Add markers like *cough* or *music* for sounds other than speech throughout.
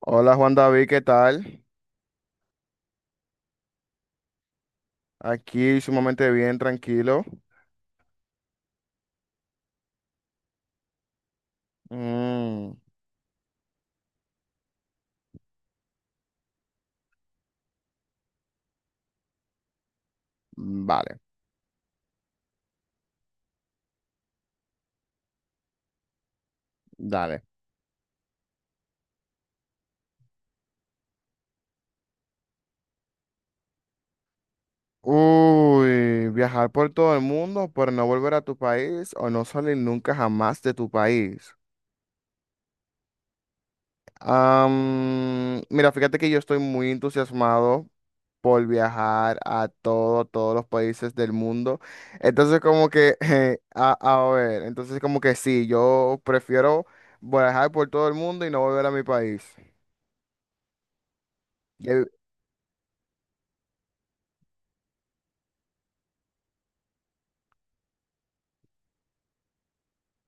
Hola Juan David, ¿qué tal? Aquí sumamente bien, tranquilo. Mm, vale, dale. Uy, viajar por todo el mundo, pero no volver a tu país o no salir nunca jamás de tu país. Mira, fíjate que yo estoy muy entusiasmado por viajar a todo, todos los países del mundo. Entonces como que, *laughs* a ver, entonces como que sí, yo prefiero viajar por todo el mundo y no volver a mi país.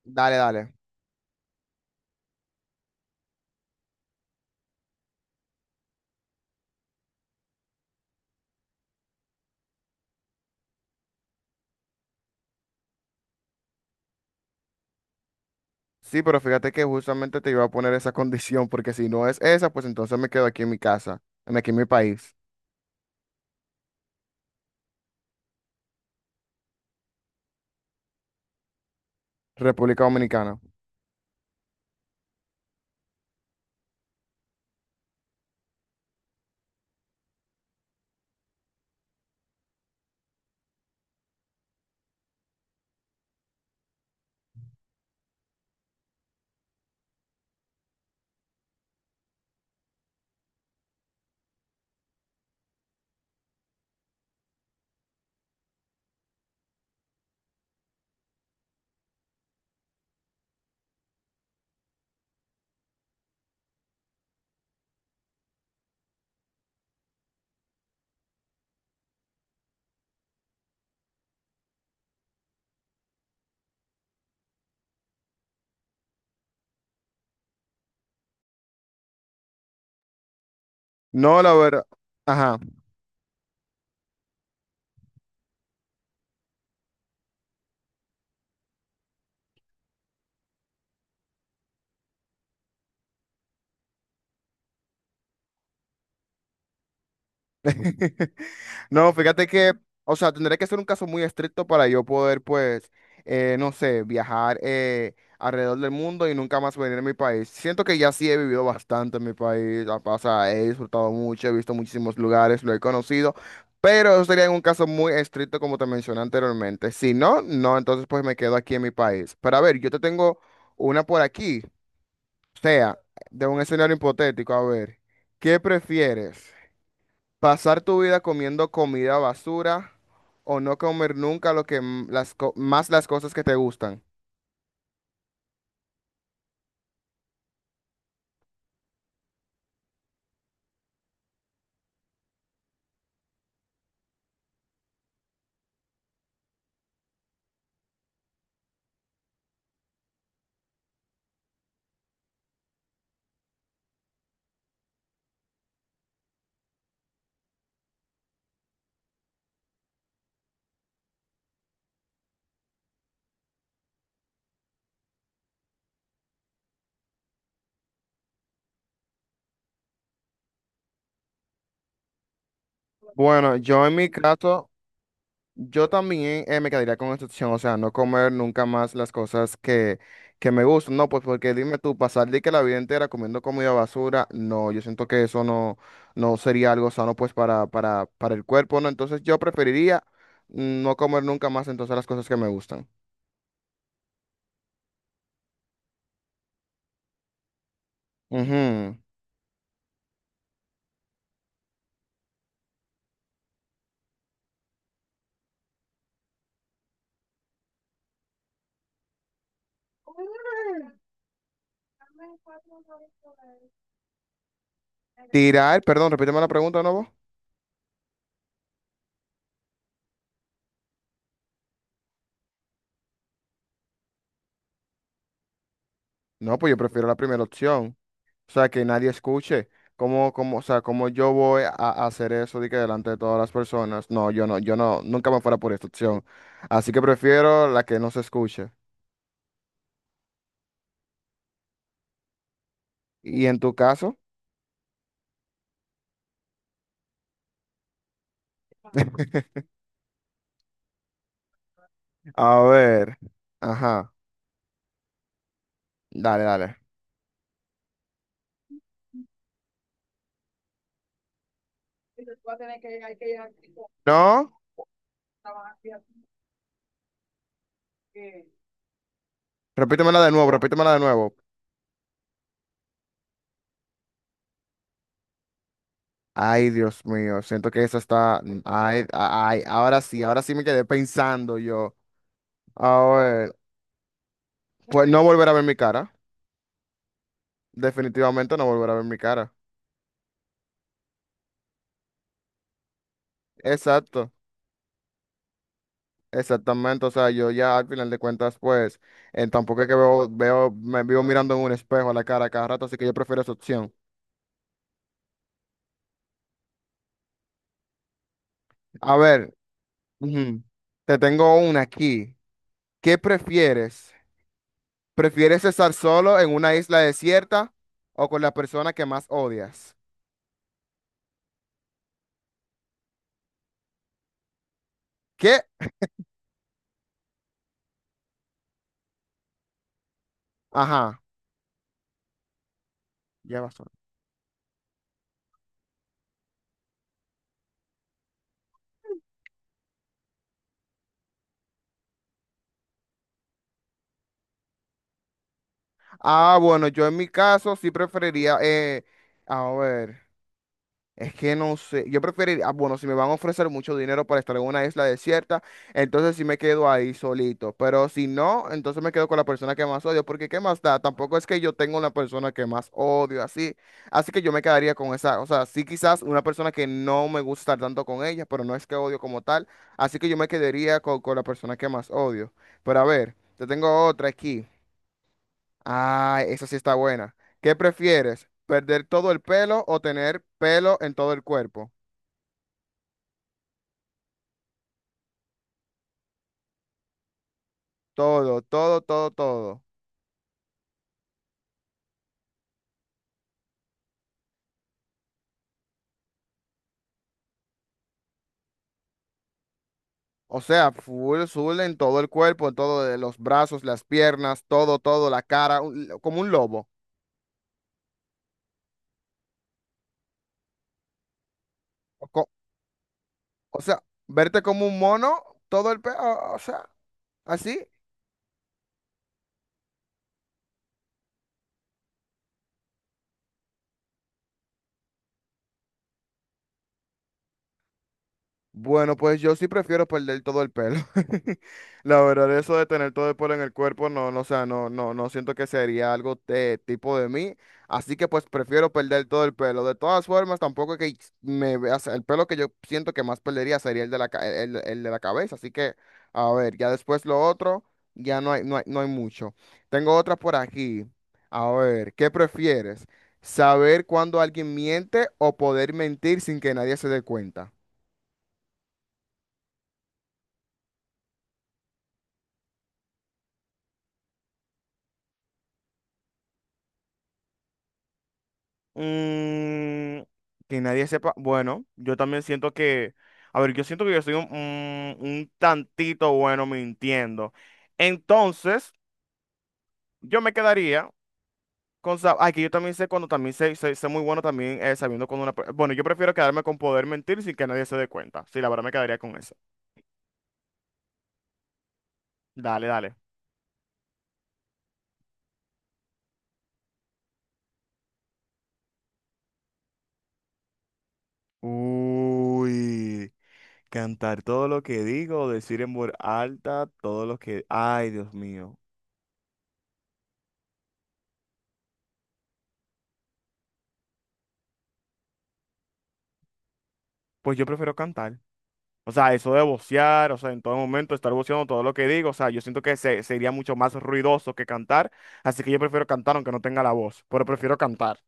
Dale, dale. Sí, pero fíjate que justamente te iba a poner esa condición, porque si no es esa, pues entonces me quedo aquí en mi casa, en aquí en mi país, República Dominicana. No, la verdad. Ajá. *laughs* No, fíjate que, o sea, tendría que ser un caso muy estricto para yo poder, pues, no sé, viajar alrededor del mundo y nunca más venir a mi país. Siento que ya sí he vivido bastante en mi país, o sea, he disfrutado mucho, he visto muchísimos lugares, lo he conocido, pero eso sería en un caso muy estricto como te mencioné anteriormente. Si no, no, entonces pues me quedo aquí en mi país. Pero a ver, yo te tengo una por aquí, o sea, de un escenario hipotético, a ver, ¿qué prefieres? Pasar tu vida comiendo comida basura o no comer nunca lo que más las cosas que te gustan. Bueno, yo en mi caso, yo también me quedaría con esta opción, o sea, no comer nunca más las cosas que me gustan. No, pues porque dime tú, pasar de que la vida entera comiendo comida basura, no, yo siento que eso no, no sería algo sano pues para el cuerpo, ¿no? Entonces yo preferiría no comer nunca más entonces las cosas que me gustan. Ujú. Tirar, perdón, repíteme la pregunta, ¿no? No, pues yo prefiero la primera opción. O sea, que nadie escuche. ¿O sea, cómo yo voy a hacer eso de que delante de todas las personas? No, yo no, nunca me fuera por esta opción. Así que prefiero la que no se escuche. ¿Y en tu caso? *laughs* A ver. Ajá. Dale, dale. No, repítemela de nuevo, repítemela de nuevo. Ay, Dios mío, siento que esa está. Ay, ay, ahora sí me quedé pensando yo. A ver, pues no volver a ver mi cara. Definitivamente no volver a ver mi cara. Exacto, exactamente. O sea, yo ya al final de cuentas, pues, tampoco es que veo, me vivo mirando en un espejo a la cara cada rato, así que yo prefiero esa opción. A ver, ujú, te tengo una aquí. ¿Qué prefieres? ¿Prefieres estar solo en una isla desierta o con la persona que más odias? ¿Qué? Ajá, ya va solo. Ah, bueno, yo en mi caso sí preferiría, a ver. Es que no sé, yo preferiría, ah, bueno, si me van a ofrecer mucho dinero para estar en una isla desierta, entonces sí me quedo ahí solito, pero si no, entonces me quedo con la persona que más odio, porque ¿qué más da? Tampoco es que yo tenga una persona que más odio, así, así que yo me quedaría con esa, o sea, sí quizás una persona que no me gusta estar tanto con ella, pero no es que odio como tal, así que yo me quedaría con la persona que más odio. Pero a ver, te tengo otra aquí. Ah, esa sí está buena. ¿Qué prefieres? ¿Perder todo el pelo o tener pelo en todo el cuerpo? Todo, todo, todo, todo. O sea, full, full en todo el cuerpo, en todo, de los brazos, las piernas, todo, todo, la cara, como un lobo. O, co- o sea, verte como un mono, todo el pe... O, o sea, así. Bueno, pues yo sí prefiero perder todo el pelo. *laughs* La verdad, eso de tener todo el pelo en el cuerpo, no, no, o sea, no, no, no siento que sería algo de tipo de mí. Así que pues prefiero perder todo el pelo. De todas formas, tampoco que me veas, el pelo que yo siento que más perdería sería el de la, el de la cabeza. Así que, a ver, ya después lo otro, ya no hay, no hay, no hay mucho. Tengo otra por aquí. A ver, ¿qué prefieres? ¿Saber cuándo alguien miente o poder mentir sin que nadie se dé cuenta? Mm, que nadie sepa. Bueno, yo también siento que, a ver, yo siento que yo soy un, un tantito bueno mintiendo. Entonces, yo me quedaría con... Ay, que yo también sé cuando también sé, sé muy bueno también sabiendo cuando una... per- Bueno, yo prefiero quedarme con poder mentir sin que nadie se dé cuenta. Sí, la verdad me quedaría con eso. Dale, dale. Uy, cantar todo lo que digo, decir en voz alta todo lo que... Ay, Dios mío. Pues yo prefiero cantar. O sea, eso de vocear, o sea, en todo momento estar voceando todo lo que digo, o sea, yo siento que sería mucho más ruidoso que cantar, así que yo prefiero cantar aunque no tenga la voz, pero prefiero cantar.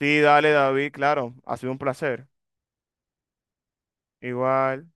Sí, dale, David, claro, ha sido un placer. Igual.